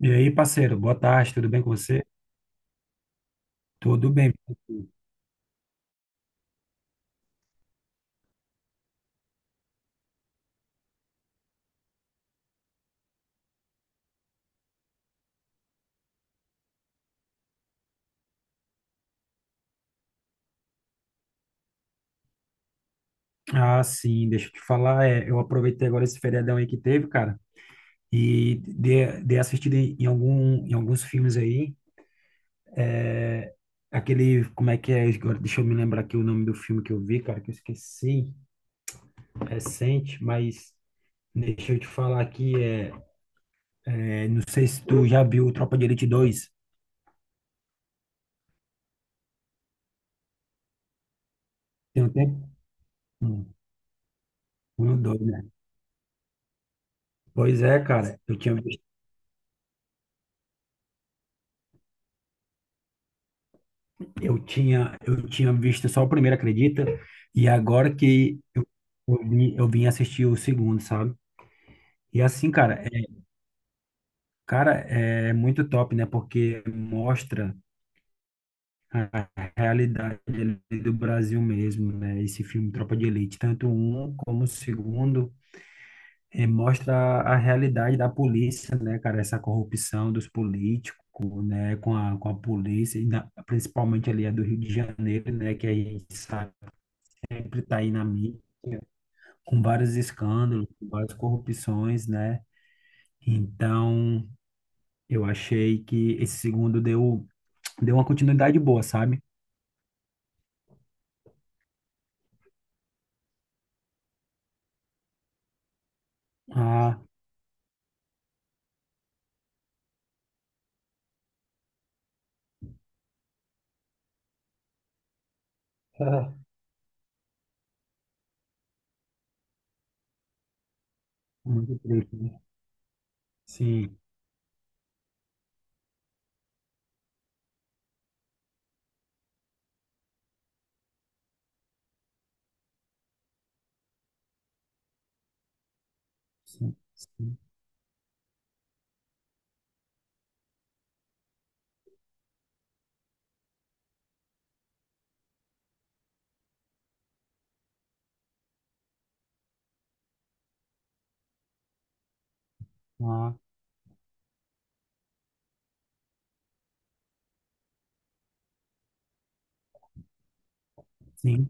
E aí, parceiro, boa tarde, tudo bem com você? Tudo bem. Ah, sim, deixa eu te falar, eu aproveitei agora esse feriadão aí que teve, cara, e dei assistida em alguns filmes aí, aquele, como é que é, agora deixa eu me lembrar aqui o nome do filme que eu vi, cara, que eu esqueci, recente, mas deixa eu te falar aqui, não sei se tu já viu Tropa de Elite dois. Tem um tempo? Hum, um, dois, né? Pois é, cara, eu tinha visto só o primeiro, acredita? E agora que eu vim assistir o segundo, sabe? E assim, cara, é muito top, né? Porque mostra a realidade ali do Brasil mesmo, né? Esse filme Tropa de Elite, tanto um como o segundo, mostra a realidade da polícia, né, cara? Essa corrupção dos políticos, né? Com a polícia, e principalmente ali a do Rio de Janeiro, né? Que a gente sabe sempre está aí na mídia, com vários escândalos, com várias corrupções, né? Então, eu achei que esse segundo deu, uma continuidade boa, sabe? Ah, Ah, muito triste, né? Sim, sim, sim. Ah, sim,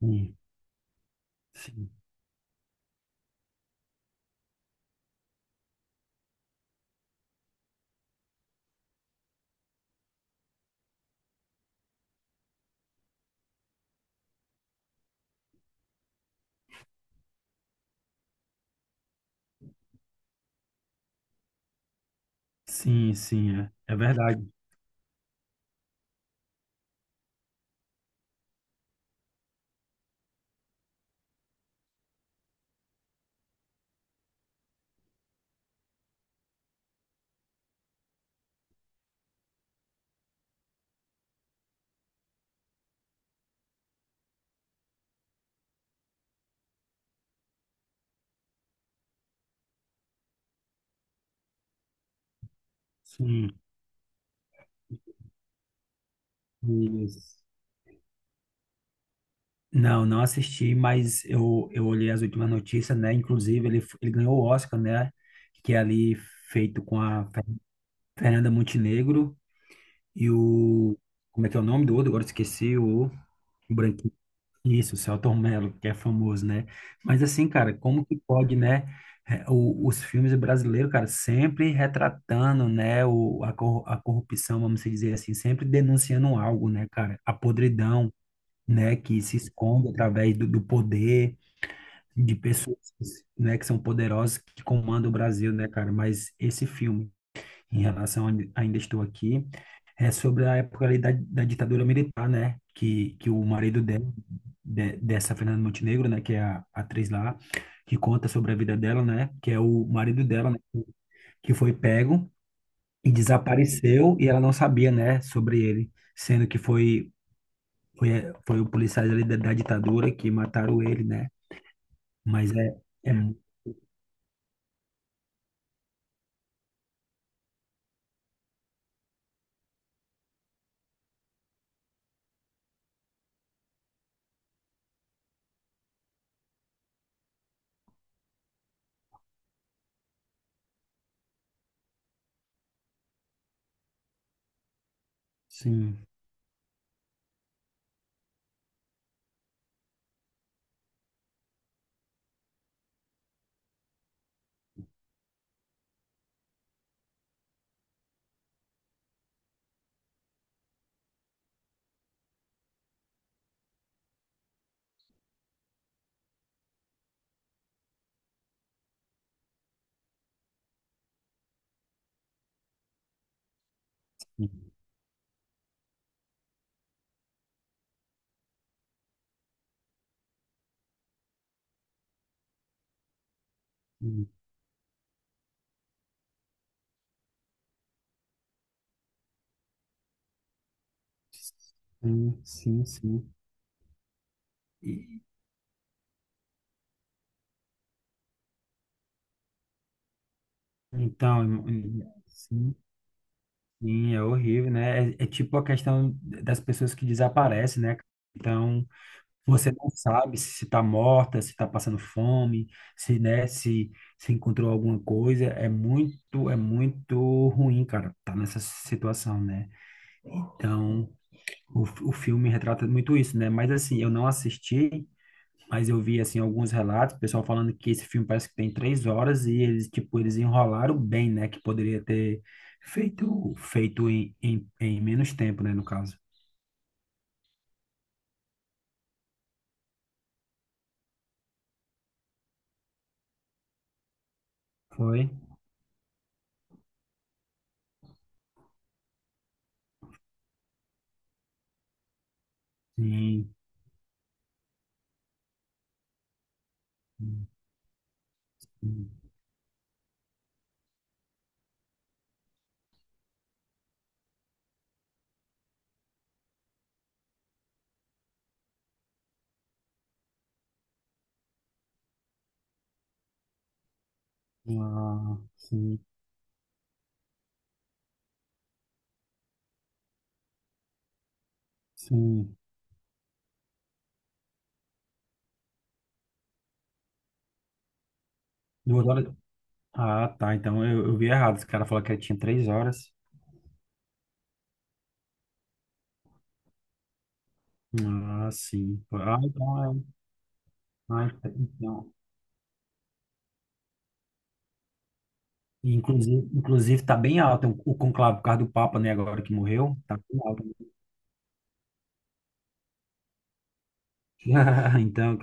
sim, sim, sim, sim, é verdade. Sim, isso. Não, não assisti, mas eu olhei as últimas notícias, né? Inclusive, ele ganhou o Oscar, né? Que é ali feito com a Fernanda Montenegro e o. Como é que é o nome do outro? Agora eu esqueci o Branquinho. Isso, o Selton Mello, que é famoso, né? Mas assim, cara, como que pode, né? Os filmes brasileiros, cara, sempre retratando, né, o, a, cor- a corrupção, vamos dizer assim, sempre denunciando algo, né, cara? A podridão, né, que se esconde através do poder de pessoas, né, que são poderosas, que comandam o Brasil, né, cara? Mas esse filme em relação a onde ainda estou aqui, é sobre a época ali da ditadura militar, né? Que o marido dela, dessa Fernanda Montenegro, né? Que é a atriz lá, que conta sobre a vida dela, né? Que é o marido dela, né? Que foi pego e desapareceu e ela não sabia, né? Sobre ele, sendo que foi, foi o policiais ali da ditadura que mataram ele, né? Mas é, é mu- sim, sim, sim, sim. Sim. E, Então, sim, sim, é horrível, né? É, é tipo a questão das pessoas que desaparecem, né? Então, você não sabe se está morta, se está passando fome, se, né, se encontrou alguma coisa. É muito ruim, cara, tá nessa situação, né? Então, o, o filme retrata muito isso, né? Mas assim, eu não assisti, mas eu vi, assim, alguns relatos, o pessoal falando que esse filme parece que tem 3 horas e eles, tipo, eles enrolaram bem, né? Que poderia ter feito em menos tempo, né, no caso. Foi? Sim. Sim. Sim. Ah, sim. Sim. 2 horas. Ah, tá. Então eu vi errado. Esse cara falou que ele tinha 3 horas. Ah, sim. Ah, então é. Ah, então. Inclusive, tá bem alto o conclave por causa do Papa, né? Agora que morreu, tá bem alto. Então,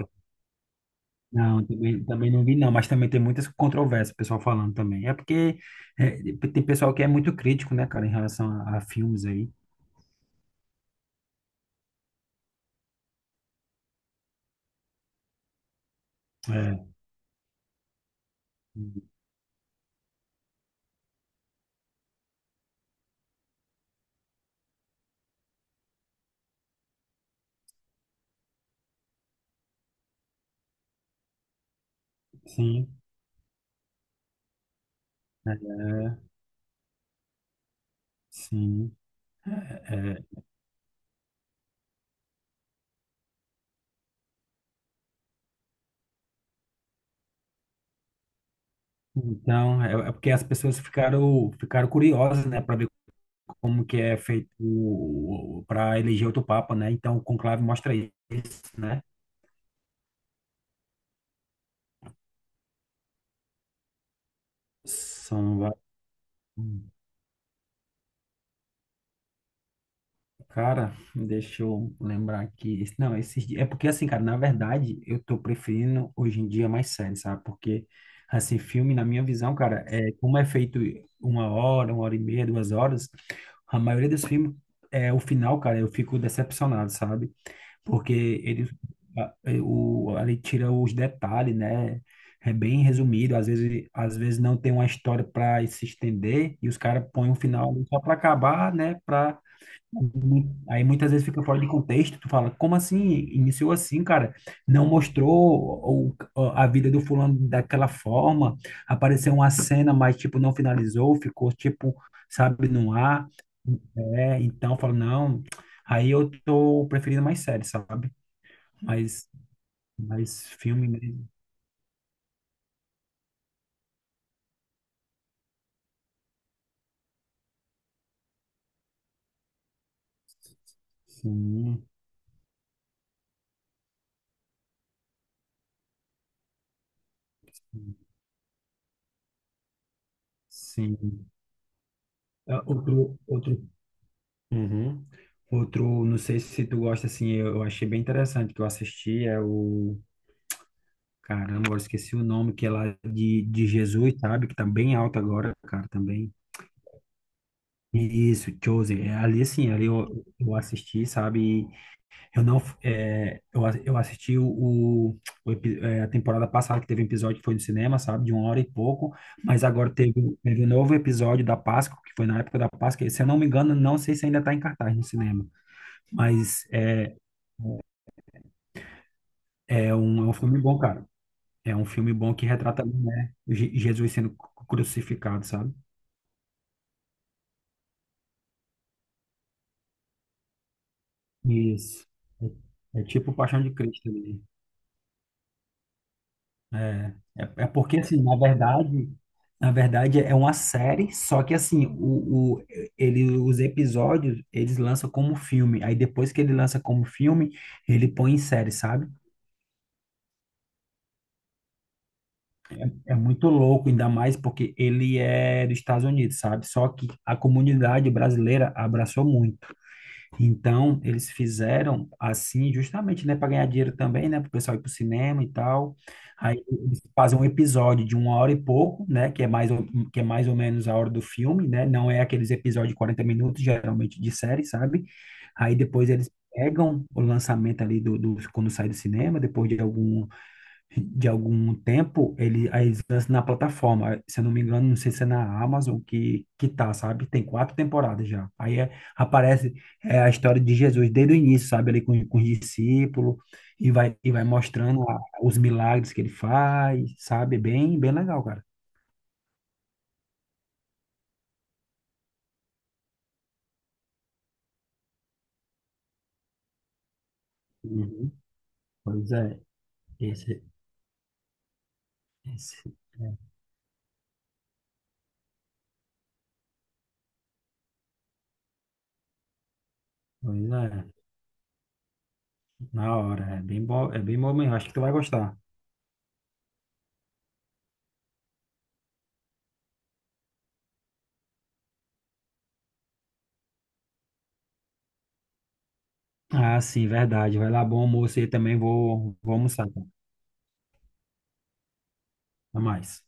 não, também não vi, não, mas também tem muitas controvérsias, o pessoal falando também. É porque é, tem pessoal que é muito crítico, né, cara, em relação a filmes aí. É, sim, sim. É, Então, é porque as pessoas ficaram curiosas, né, para ver como que é feito para eleger outro papa, né? Então, o conclave mostra isso, né? São vários. Cara, deixa eu lembrar aqui. Não, esses dias. É porque, assim, cara, na verdade, eu tô preferindo hoje em dia mais séries, sabe? Porque, assim, filme, na minha visão, cara, é como é feito 1 hora, 1 hora e meia, 2 horas, a maioria dos filmes, é, o final, cara, eu fico decepcionado, sabe? Porque ele, ele tira os detalhes, né? É bem resumido, às vezes não tem uma história para se estender e os caras põem um final só para acabar, né? Aí muitas vezes fica fora de contexto, tu fala, como assim? Iniciou assim, cara? Não mostrou a vida do fulano daquela forma, apareceu uma cena, mas tipo, não finalizou, ficou tipo, sabe, no ar. É, então eu falo, não, aí eu tô preferindo mais séries, sabe? Mas, mas filme mesmo, sim, sim. Ah, Outro, outro Uhum. Outro, não sei se tu gosta, assim, eu achei bem interessante que eu assisti, é o, caramba, agora esqueci o nome, que é lá de Jesus, sabe? Que tá bem alto agora, cara, também. Isso, Chosen, é, ali assim, ali eu assisti, sabe? E Eu não, é, eu, a- eu assisti a temporada passada, que teve um episódio que foi no cinema, sabe? De 1 hora e pouco, mas agora teve um novo episódio da Páscoa, que foi na época da Páscoa, e se eu não me engano, não sei se ainda tá em cartaz no cinema. Mas é, é um filme bom, cara. É um filme bom que retrata, né, Jesus sendo crucificado, sabe? Isso. É, é tipo Paixão de Cristo ali. É, é porque, assim, na verdade, é uma série, só que, assim, os episódios, eles lançam como filme. Aí, depois que ele lança como filme, ele põe em série, sabe? É muito louco, ainda mais porque ele é dos Estados Unidos, sabe? Só que a comunidade brasileira abraçou muito. Então, eles fizeram assim, justamente, né, para ganhar dinheiro também, né, para o pessoal ir para o cinema e tal. Aí eles fazem um episódio de 1 hora e pouco, né, que é mais ou, que é mais ou menos a hora do filme, né, não é aqueles episódios de 40 minutos, geralmente de série, sabe? Aí depois eles pegam o lançamento ali quando sai do cinema, depois de algum tempo, ele, aí eles lançam na plataforma. Se eu não me engano, não sei se é na Amazon que tá, sabe? Tem quatro temporadas já. Aí aparece a história de Jesus desde o início, sabe? Ali com os discípulos, e vai mostrando os milagres que ele faz, sabe? Bem, bem legal, cara. Uhum. Pois é, esse, esse, pois é, na hora, é bem bom mesmo, acho que tu vai gostar. Ah, sim, verdade, vai lá, bom almoço aí também, vou almoçar, tá? Até mais.